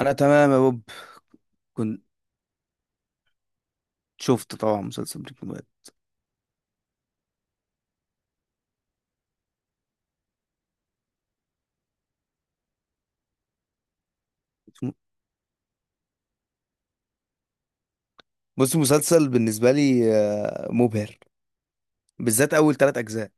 انا تمام يا بوب. كنت شفت طبعا مسلسل بريكنج باد. بص، مسلسل بالنسبه لي مبهر، بالذات اول 3 اجزاء.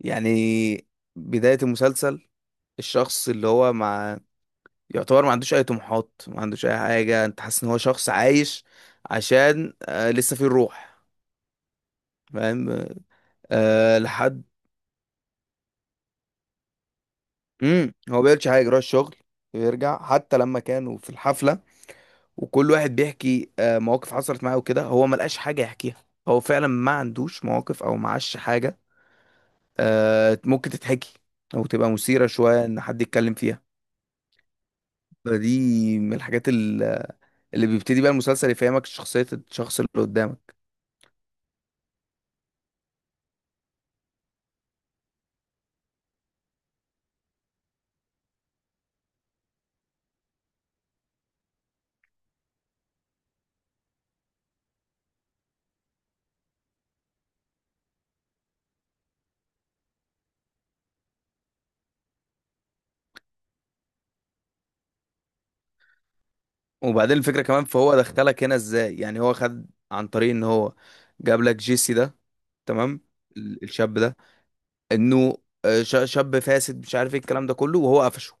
يعني بدايه المسلسل، الشخص اللي هو مع يعتبر ما عندوش اي طموحات، ما عندوش اي حاجه. انت حاسس ان هو شخص عايش عشان لسه فيه الروح، فاهم؟ لحد هو بيعملش حاجه، يروح الشغل ويرجع. حتى لما كانوا في الحفله وكل واحد بيحكي مواقف حصلت معاه وكده، هو ما لقاش حاجة يحكيها. هو فعلا ما عندوش مواقف او معاش حاجة ممكن تتحكي او تبقى مثيرة شوية ان حد يتكلم فيها. فدي من الحاجات اللي بيبتدي بقى المسلسل يفهمك شخصية الشخص اللي قدامك. وبعدين الفكرة كمان، فهو دخلك هنا ازاي؟ يعني هو خد عن طريق ان هو جاب لك جيسي ده، تمام، الشاب ده، انه شاب فاسد مش عارف ايه الكلام ده كله، وهو قفشه.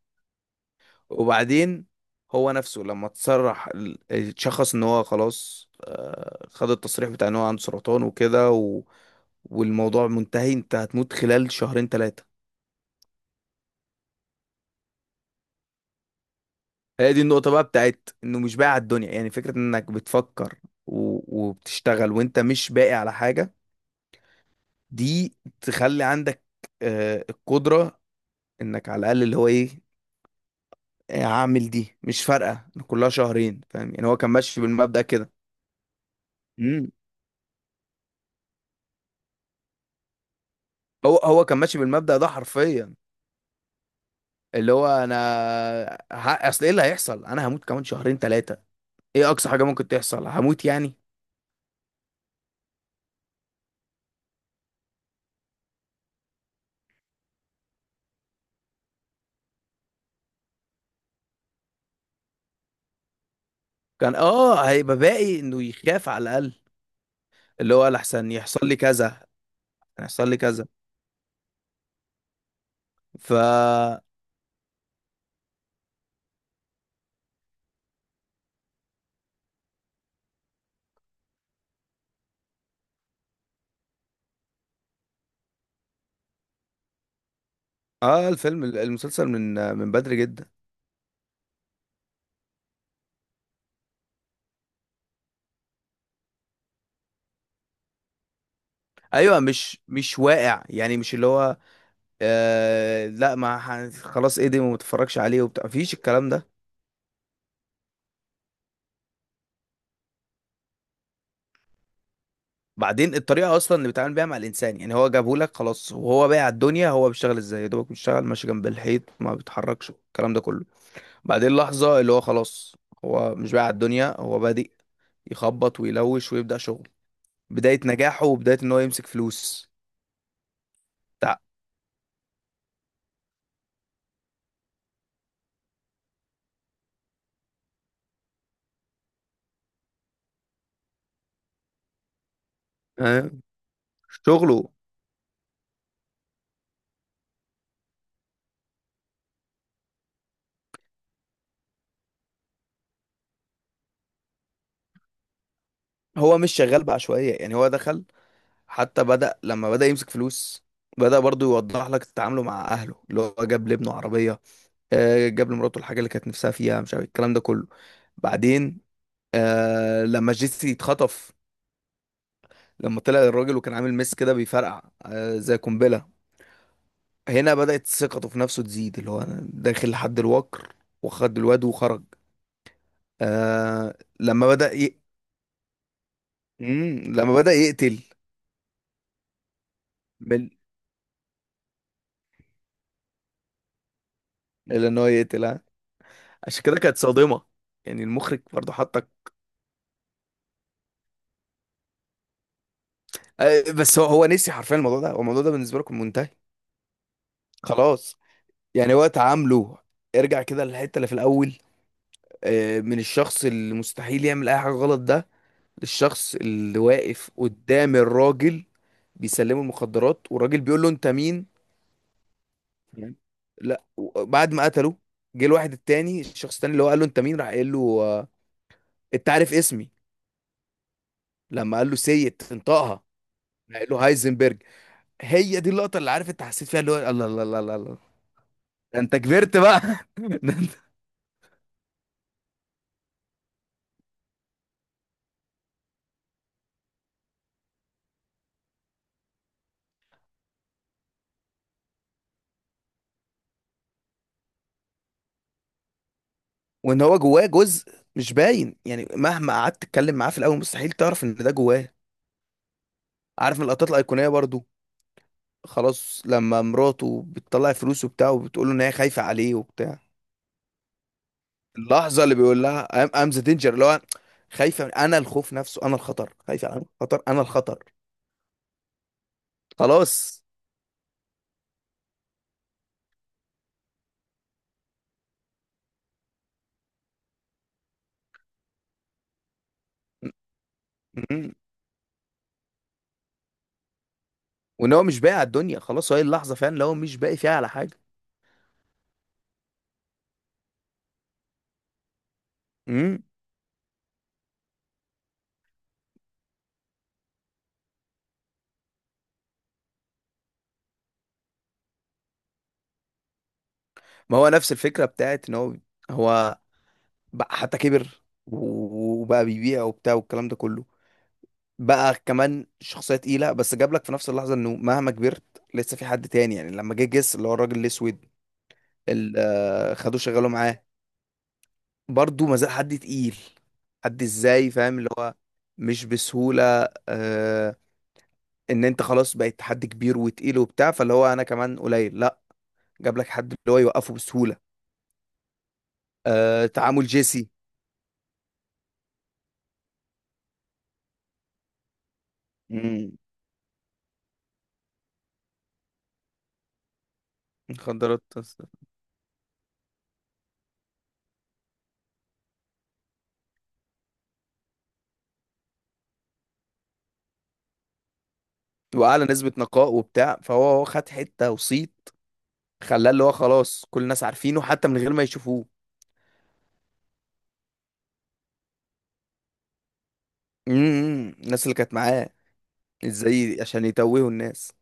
وبعدين هو نفسه لما اتشخص ان هو خلاص، خد التصريح بتاع ان هو عنده سرطان وكده والموضوع منتهي، انت هتموت خلال شهرين 3. هي دي النقطة بقى بتاعت انه مش باقي على الدنيا. يعني فكرة انك بتفكر و... وبتشتغل وانت مش باقي على حاجة، دي تخلي عندك القدرة انك على الاقل اللي هو ايه، هعمل دي مش فارقة، كلها شهرين، فاهم؟ يعني هو كان ماشي بالمبدأ كده. مم. هو كان ماشي بالمبدأ ده حرفيا، اللي هو انا اصل ايه اللي هيحصل؟ انا هموت كمان شهرين 3، ايه اقصى حاجه ممكن تحصل؟ هموت يعني. كان هيبقى باقي انه يخاف على الاقل، اللي هو لحسن يحصل لي كذا، يحصل لي كذا. ف اه المسلسل من بدري جدا. ايوه، مش واقع يعني، مش اللي هو. لا، ما خلاص، ايه ده ما متفرجش عليه وبتاع، مفيش الكلام ده. بعدين الطريقه اصلا اللي بيتعامل بيها مع الانسان، يعني هو جابه لك خلاص وهو بايع الدنيا، هو بيشتغل ازاي؟ يا دوبك بيشتغل، ماشي جنب الحيط، ما بيتحركش الكلام ده كله. بعدين لحظه اللي هو خلاص، هو مش بايع الدنيا، هو بادئ يخبط ويلوش ويبدا شغل، بدايه نجاحه وبدايه ان هو يمسك فلوس. بتاع آه، شغله. هو مش شغال بعشوائيه يعني، هو دخل. حتى بدا لما بدا يمسك فلوس، بدا برضو يوضح لك تعامله مع اهله، اللي هو جاب لابنه عربيه، جاب لمراته الحاجه اللي كانت نفسها فيها، مش عارف الكلام ده كله. بعدين لما جيسي اتخطف، لما طلع الراجل وكان عامل ميس كده بيفرقع زي قنبله، هنا بدات ثقته في نفسه تزيد، اللي هو أنا داخل لحد الوكر وخد الواد وخرج. آه لما بدا لما بدا يقتل. بال... اللي ان هو يقتل، ها! عشان كده كانت صادمه، يعني المخرج برضه حطك. بس هو نسي حرفيا الموضوع ده، هو الموضوع ده بالنسبه لكم منتهي خلاص. يعني وقت عامله، ارجع كده للحته اللي في الاول، من الشخص اللي مستحيل يعمل اي حاجه غلط ده، للشخص اللي واقف قدام الراجل بيسلمه المخدرات والراجل بيقول له انت مين. تمام. لا، بعد ما قتله، جه الواحد التاني، الشخص التاني اللي هو قال له انت مين، راح قال له انت عارف اسمي. لما قال له سيد، انطقها، راح قال له هايزنبرج. هي دي اللقطه اللي عارف انت حسيت فيها، اللي هو الله الله الله الله الله. ده انت كبرت بقى! ده وان هو جواه جزء مش باين، يعني مهما قعدت تتكلم معاه في الاول مستحيل تعرف ان ده جواه. عارف من اللقطات الايقونيه برضو، خلاص لما مراته بتطلع فلوس وبتاع وبتقول له ان هي خايفه عليه وبتاع، اللحظه اللي بيقول لها ام ذا دينجر، اللي هو خايفه من انا الخوف نفسه، انا الخطر، خايفه، انا الخطر، انا الخطر. خلاص. م-م. وان هو مش باقي على الدنيا خلاص، هي اللحظه فعلا اللي هو مش باقي فيها على حاجه. امم ما هو نفس الفكره بتاعت ان هو، هو بقى حتى كبر وبقى بيبيع وبتاع والكلام ده كله، بقى كمان شخصية تقيلة، بس جاب لك في نفس اللحظة انه مهما كبرت لسه في حد تاني. يعني لما جه جس اللي هو الراجل الاسود اللي خدوه شغله معاه، برضه ما زال حد تقيل، حد ازاي فاهم، اللي هو مش بسهولة. ان انت خلاص بقيت حد كبير وتقيل وبتاع، فاللي هو انا كمان قليل لا، جاب لك حد اللي هو يوقفه بسهولة. تعامل جيسي. مم. مخدرات أصلاً. واعلى نسبة نقاء وبتاع، فهو هو خد حتة وصيت خلاه اللي هو خلاص كل الناس عارفينه حتى من غير ما يشوفوه. الناس اللي كانت معاه ازاي عشان يتوهوا الناس؟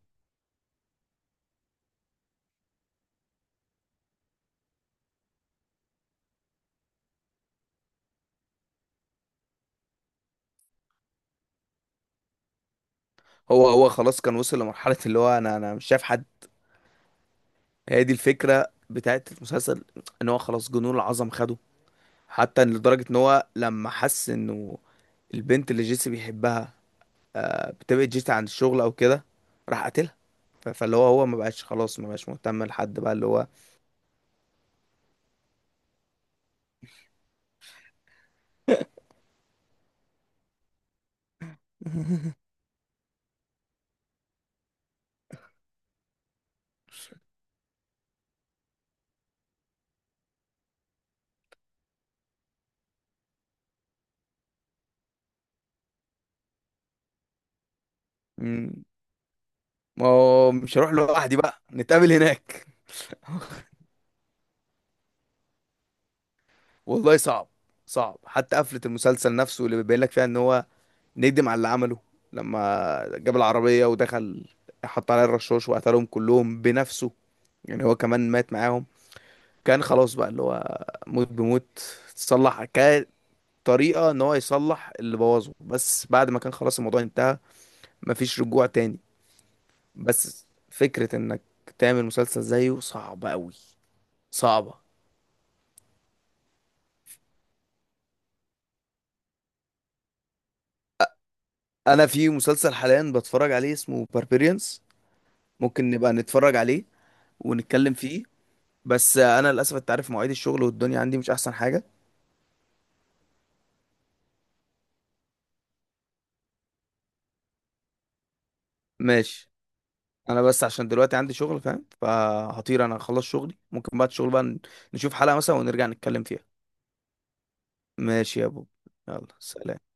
هو خلاص كان وصل لمرحلة اللي هو انا انا مش شايف حد، هي دي الفكرة بتاعت المسلسل، ان هو خلاص جنون العظم خده. حتى إن لدرجة ان هو لما حس انه البنت اللي جيسي بيحبها بتبعد جيسي عن الشغل او كده، راح قتلها. فاللي هو ما بقاش خلاص، ما بقاش مهتم لحد بقى اللي هو. مم، ما هو مش هروح لوحدي بقى، نتقابل هناك. والله صعب، صعب. حتى قفلة المسلسل نفسه اللي بيبين لك فيها ان هو نكدب على اللي عمله، لما جاب العربية ودخل حط عليها الرشاش وقتلهم كلهم بنفسه، يعني هو كمان مات معاهم. كان خلاص بقى اللي هو موت بموت، تصلح كطريقة ان هو يصلح اللي بوظه، بس بعد ما كان خلاص الموضوع انتهى، مفيش رجوع تاني. بس فكرة انك تعمل مسلسل زيه صعبة قوي، صعبة. انا في مسلسل حاليا بتفرج عليه اسمه باربيريانز، ممكن نبقى نتفرج عليه ونتكلم فيه. بس انا للاسف انت عارف مواعيد الشغل والدنيا عندي مش احسن حاجه. ماشي. انا بس عشان دلوقتي عندي شغل، فاهم، فهطير انا اخلص شغلي، ممكن بعد الشغل بقى نشوف حلقه مثلا ونرجع نتكلم فيها. ماشي يا ابو، يلا سلام.